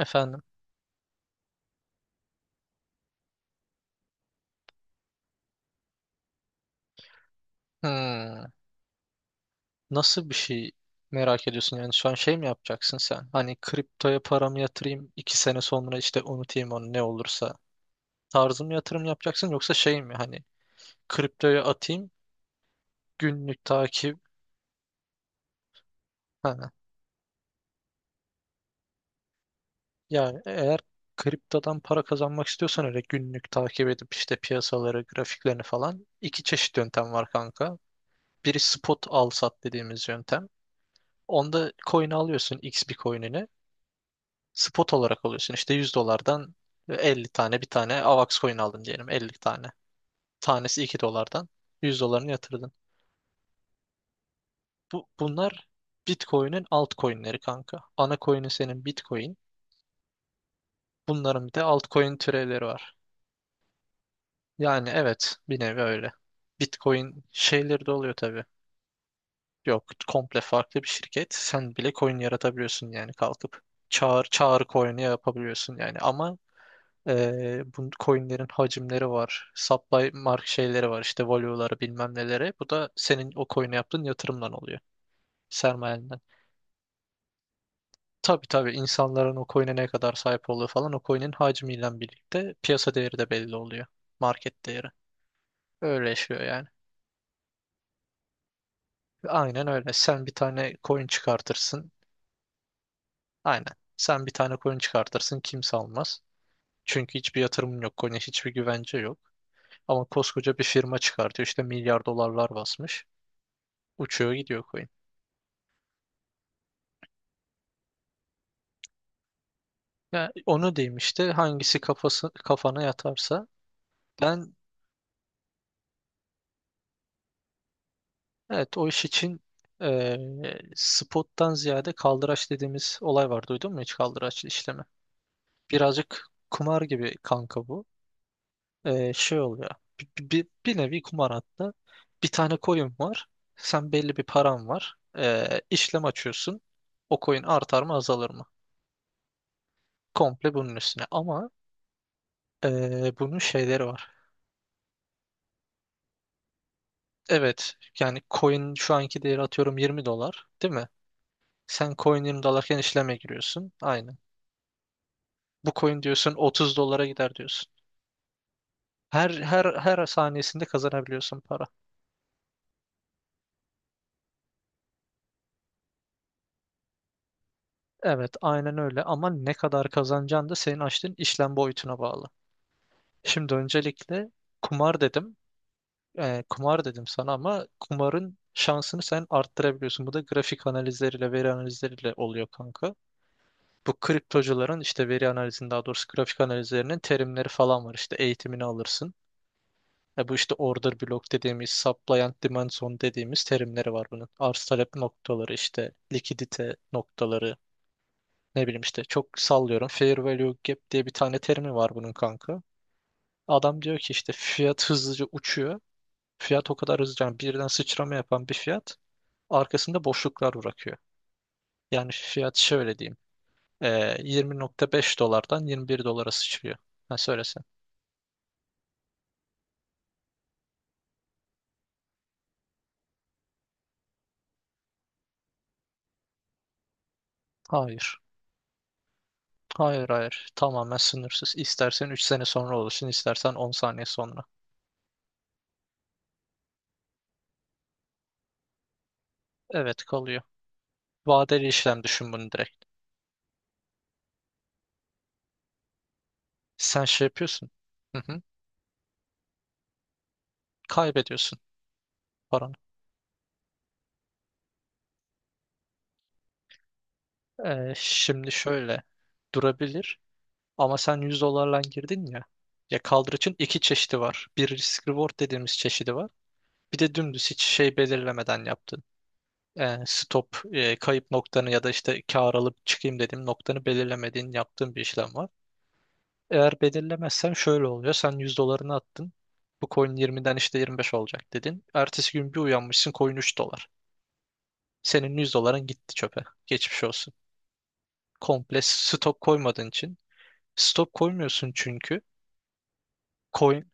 Efendim. Hmm. Nasıl bir şey merak ediyorsun yani şu an şey mi yapacaksın sen? Hani kriptoya paramı yatırayım 2 sene sonra işte unutayım onu ne olursa. Tarzı mı yatırım yapacaksın yoksa şey mi hani kriptoya atayım günlük takip. Ha. Yani eğer kriptodan para kazanmak istiyorsan öyle günlük takip edip işte piyasaları grafiklerini falan iki çeşit yöntem var kanka. Biri spot al sat dediğimiz yöntem. Onda coin alıyorsun X bir coin'ini. Spot olarak alıyorsun. İşte 100 dolardan 50 tane bir tane AVAX coin aldın diyelim 50 tane. Tanesi 2 dolardan 100 dolarını yatırdın. Bunlar Bitcoin'in altcoin'leri kanka. Ana coin'i senin Bitcoin. Bunların bir de altcoin türevleri var. Yani evet bir nevi öyle. Bitcoin şeyleri de oluyor tabii. Yok komple farklı bir şirket. Sen bile coin yaratabiliyorsun yani kalkıp. Çağrı coin'i yapabiliyorsun yani. Ama bu coinlerin hacimleri var. Supply mark şeyleri var. İşte value'ları bilmem neleri. Bu da senin o coin'e yaptığın yatırımdan oluyor. Sermayenden. Tabii tabii, insanların o coin'e ne kadar sahip olduğu falan o coin'in hacmiyle birlikte piyasa değeri de belli oluyor. Market değeri. Öyle yaşıyor yani. Aynen öyle. Sen bir tane coin çıkartırsın. Aynen. Sen bir tane coin çıkartırsın kimse almaz. Çünkü hiçbir yatırımın yok. Coin'e hiçbir güvence yok. Ama koskoca bir firma çıkartıyor. İşte milyar dolarlar basmış. Uçuyor gidiyor coin. Yani onu diyeyim işte hangisi kafası kafana yatarsa. Ben evet, o iş için eee, spottan ziyade kaldıraç dediğimiz olay var. Duydun mu hiç kaldıraç işlemi? Birazcık kumar gibi kanka bu. Şey oluyor. Bir nevi kumar hatta. Bir tane coin var. Sen belli bir paran var. İşlem açıyorsun. O coin artar mı azalır mı? Komple bunun üstüne. Ama bunun şeyleri var. Evet. Yani coin şu anki değeri atıyorum 20 dolar, değil mi? Sen coin 20 dolarken işleme giriyorsun. Aynen. Bu coin diyorsun 30 dolara gider diyorsun. Her saniyesinde kazanabiliyorsun para. Evet, aynen öyle ama ne kadar kazanacağın da senin açtığın işlem boyutuna bağlı. Şimdi öncelikle kumar dedim. Kumar dedim sana ama kumarın şansını sen arttırabiliyorsun. Bu da grafik analizleriyle, veri analizleriyle oluyor kanka. Bu kriptocuların işte veri analizinin, daha doğrusu grafik analizlerinin terimleri falan var. İşte eğitimini alırsın. Bu işte order block dediğimiz, supply and demand zone dediğimiz terimleri var bunun. Arz talep noktaları işte likidite noktaları, ne bileyim işte çok sallıyorum. Fair value gap diye bir tane terimi var bunun kanka. Adam diyor ki işte fiyat hızlıca uçuyor. Fiyat o kadar hızlıca, yani birden sıçrama yapan bir fiyat arkasında boşluklar bırakıyor. Yani fiyat şöyle diyeyim. Ee, 20.5 dolardan 21 dolara sıçrıyor. Ha, söylesen. Hayır. Hayır, hayır. Tamamen sınırsız. İstersen 3 sene sonra olursun, istersen 10 saniye sonra. Evet, kalıyor. Vadeli işlem düşün bunu direkt. Sen şey yapıyorsun. Hı hı. Kaybediyorsun paranı. Şimdi şöyle durabilir ama sen 100 dolarla girdin ya. Ya, kaldırıcın iki çeşidi var. Bir risk reward dediğimiz çeşidi var. Bir de dümdüz hiç şey belirlemeden yaptığın. Stop kayıp noktanı ya da işte kar alıp çıkayım dediğim noktanı belirlemediğin yaptığın bir işlem var. Eğer belirlemezsen şöyle oluyor. Sen 100 dolarını attın. Bu coin 20'den işte 25 olacak dedin. Ertesi gün bir uyanmışsın, coin 3 dolar. Senin 100 doların gitti çöpe. Geçmiş olsun. Komple stop koymadığın için. Stop koymuyorsun çünkü. Coin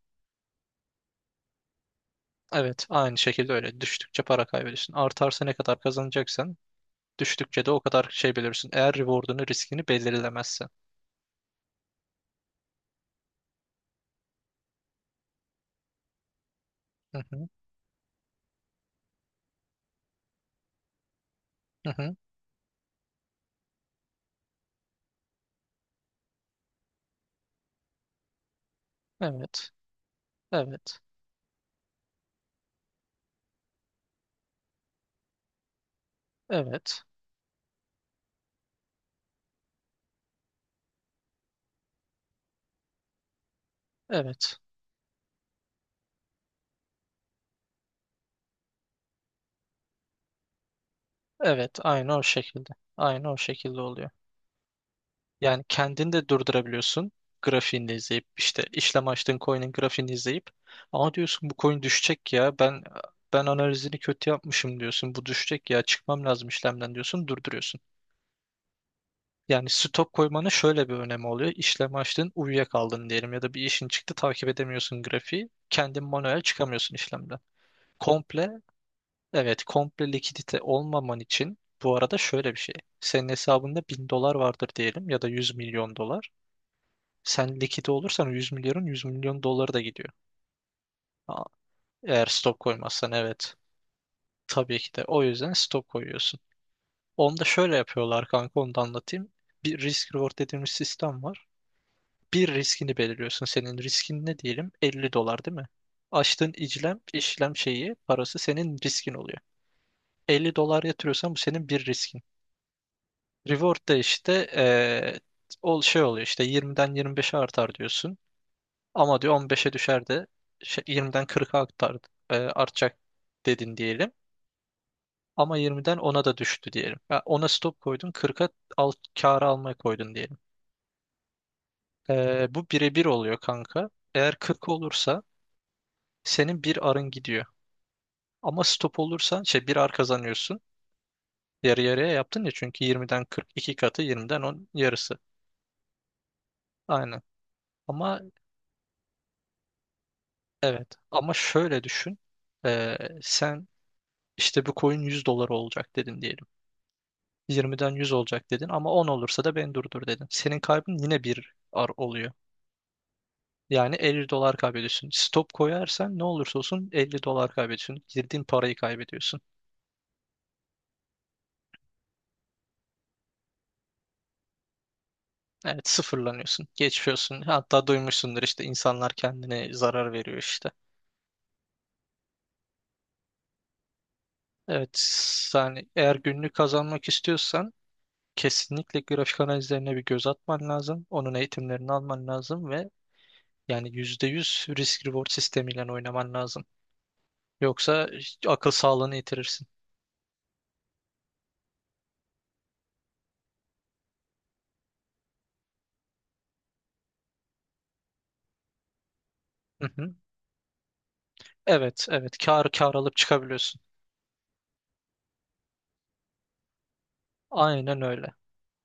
evet, aynı şekilde öyle. Düştükçe para kaybediyorsun. Artarsa ne kadar kazanacaksan, düştükçe de o kadar şey belirsin. Eğer reward'unu, riskini belirlemezsen. Hı hı, hı hı. Evet. Evet. Evet. Evet. Evet. Aynı o şekilde. Aynı o şekilde oluyor. Yani kendini de durdurabiliyorsun. Grafiğini de izleyip işte, işlem açtığın coin'in grafiğini izleyip, ama diyorsun bu coin düşecek ya, ben analizini kötü yapmışım diyorsun, bu düşecek ya çıkmam lazım işlemden diyorsun, durduruyorsun. Yani stop koymanın şöyle bir önemi oluyor. İşlem açtın, uyuyakaldın diyelim ya da bir işin çıktı, takip edemiyorsun grafiği. Kendin manuel çıkamıyorsun işlemden. Komple Evet, komple likidite olmaman için. Bu arada şöyle bir şey. Senin hesabında 1.000 dolar vardır diyelim ya da 100 milyon dolar. Sen likide olursan o 100 milyonun, 100 milyon doları da gidiyor. Aa, Eğer stop koymazsan evet. Tabii ki de. O yüzden stop koyuyorsun. Onu da şöyle yapıyorlar kanka, onu da anlatayım. Bir risk reward dediğimiz sistem var. Bir riskini belirliyorsun. Senin riskin ne diyelim? 50 dolar değil mi? Açtığın işlem, işlem şeyi, parası senin riskin oluyor. 50 dolar yatırıyorsan bu senin bir riskin. Reward da işte ol şey oluyor işte, 20'den 25'e artar diyorsun. Ama diyor 15'e düşer de şey, 20'den 40'a artar, artacak dedin diyelim. Ama 20'den 10'a da düştü diyelim. Ya 10'a stop koydun, 40'a al, kârı almaya koydun diyelim. Bu birebir oluyor kanka. Eğer 40 olursa senin bir arın gidiyor. Ama stop olursa şey, bir ar kazanıyorsun. Yarı yarıya yaptın ya çünkü 20'den 40 iki katı, 20'den 10 yarısı. Aynen. Ama Evet, ama şöyle düşün. Sen işte bu coin 100 dolar olacak dedin diyelim. 20'den 100 olacak dedin ama 10 olursa da beni durdur dedin. Senin kaybın yine bir ar oluyor. Yani 50 dolar kaybediyorsun. Stop koyarsan ne olursa olsun 50 dolar kaybediyorsun. Girdiğin parayı kaybediyorsun. Evet, sıfırlanıyorsun. Geçiyorsun. Hatta duymuşsundur, işte insanlar kendine zarar veriyor işte. Evet, yani eğer günlük kazanmak istiyorsan kesinlikle grafik analizlerine bir göz atman lazım. Onun eğitimlerini alman lazım ve yani %100 risk reward sistemiyle oynaman lazım. Yoksa akıl sağlığını yitirirsin. Hı hı. Evet, evet. Kar alıp çıkabiliyorsun. Aynen öyle.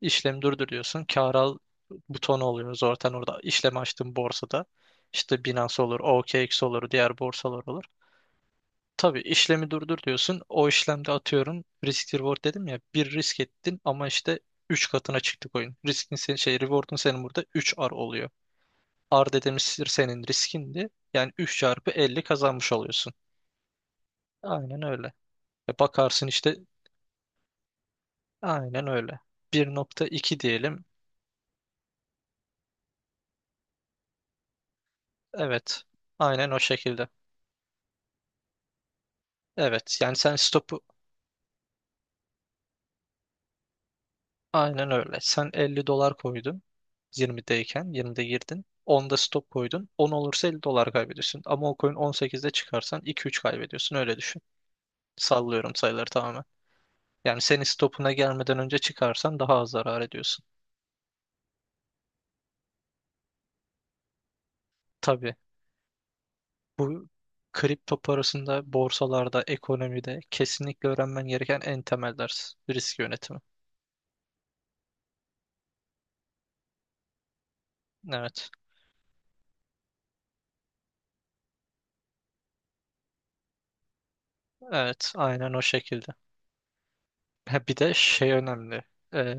İşlemi durdur diyorsun. Kar al butonu oluyor zaten orada. İşlemi açtığın borsada. İşte Binance olur, OKX olur, diğer borsalar olur. Tabii işlemi durdur diyorsun. O işlemde atıyorum risk reward dedim ya. Bir risk ettin ama işte 3 katına çıktık oyun. Riskin senin şey, reward'un senin burada üç r oluyor. Ard dedemiştir senin riskindi. Yani 3 çarpı 50 kazanmış oluyorsun. Aynen öyle. Bakarsın işte aynen öyle. 1.2 diyelim. Evet. Aynen o şekilde. Evet. Yani sen stopu, aynen öyle. Sen 50 dolar koydun. 20'deyken 20'de girdin. 10'da stop koydun. 10 olursa 50 dolar kaybediyorsun. Ama o coin 18'de çıkarsan 2-3 kaybediyorsun. Öyle düşün. Sallıyorum sayıları tamamen. Yani senin stopuna gelmeden önce çıkarsan daha az zarar ediyorsun. Tabii. Bu kripto parasında, borsalarda, ekonomide kesinlikle öğrenmen gereken en temel ders risk yönetimi. Evet, evet, aynen o şekilde. Ha, bir de şey önemli. Ee,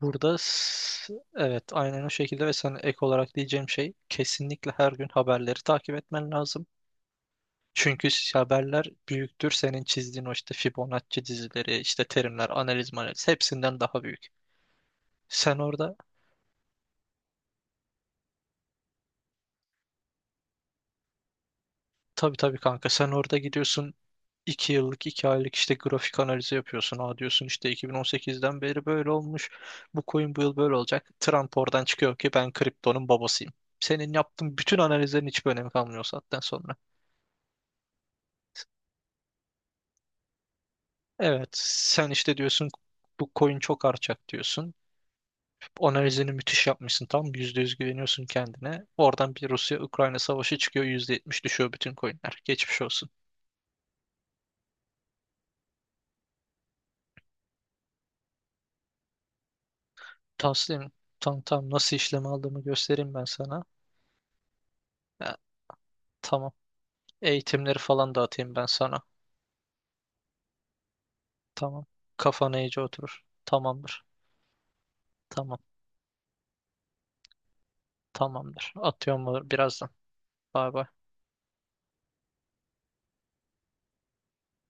burada evet, aynen o şekilde ve sana ek olarak diyeceğim şey, kesinlikle her gün haberleri takip etmen lazım. Çünkü haberler büyüktür. Senin çizdiğin o işte Fibonacci dizileri, işte terimler, analiz, hepsinden daha büyük. Sen orada Tabii tabii, kanka, sen orada gidiyorsun, 2 yıllık 2 aylık işte grafik analizi yapıyorsun. Aa, diyorsun işte 2018'den beri böyle olmuş. Bu coin bu yıl böyle olacak. Trump oradan çıkıyor ki ben kriptonun babasıyım. Senin yaptığın bütün analizlerin hiçbir önemi kalmıyor o saatten sonra. Evet, sen işte diyorsun bu coin çok artacak diyorsun. Analizini müthiş yapmışsın, tam %100 güveniyorsun kendine. Oradan bir Rusya-Ukrayna savaşı çıkıyor, %70 düşüyor bütün coinler. Geçmiş olsun. Taslim tam tam nasıl işlem aldığımı göstereyim ben sana. Ya, tamam. Eğitimleri falan da atayım ben sana. Tamam. Kafana iyice oturur. Tamamdır. Tamam. Tamamdır. Atıyorum birazdan. Bay bay.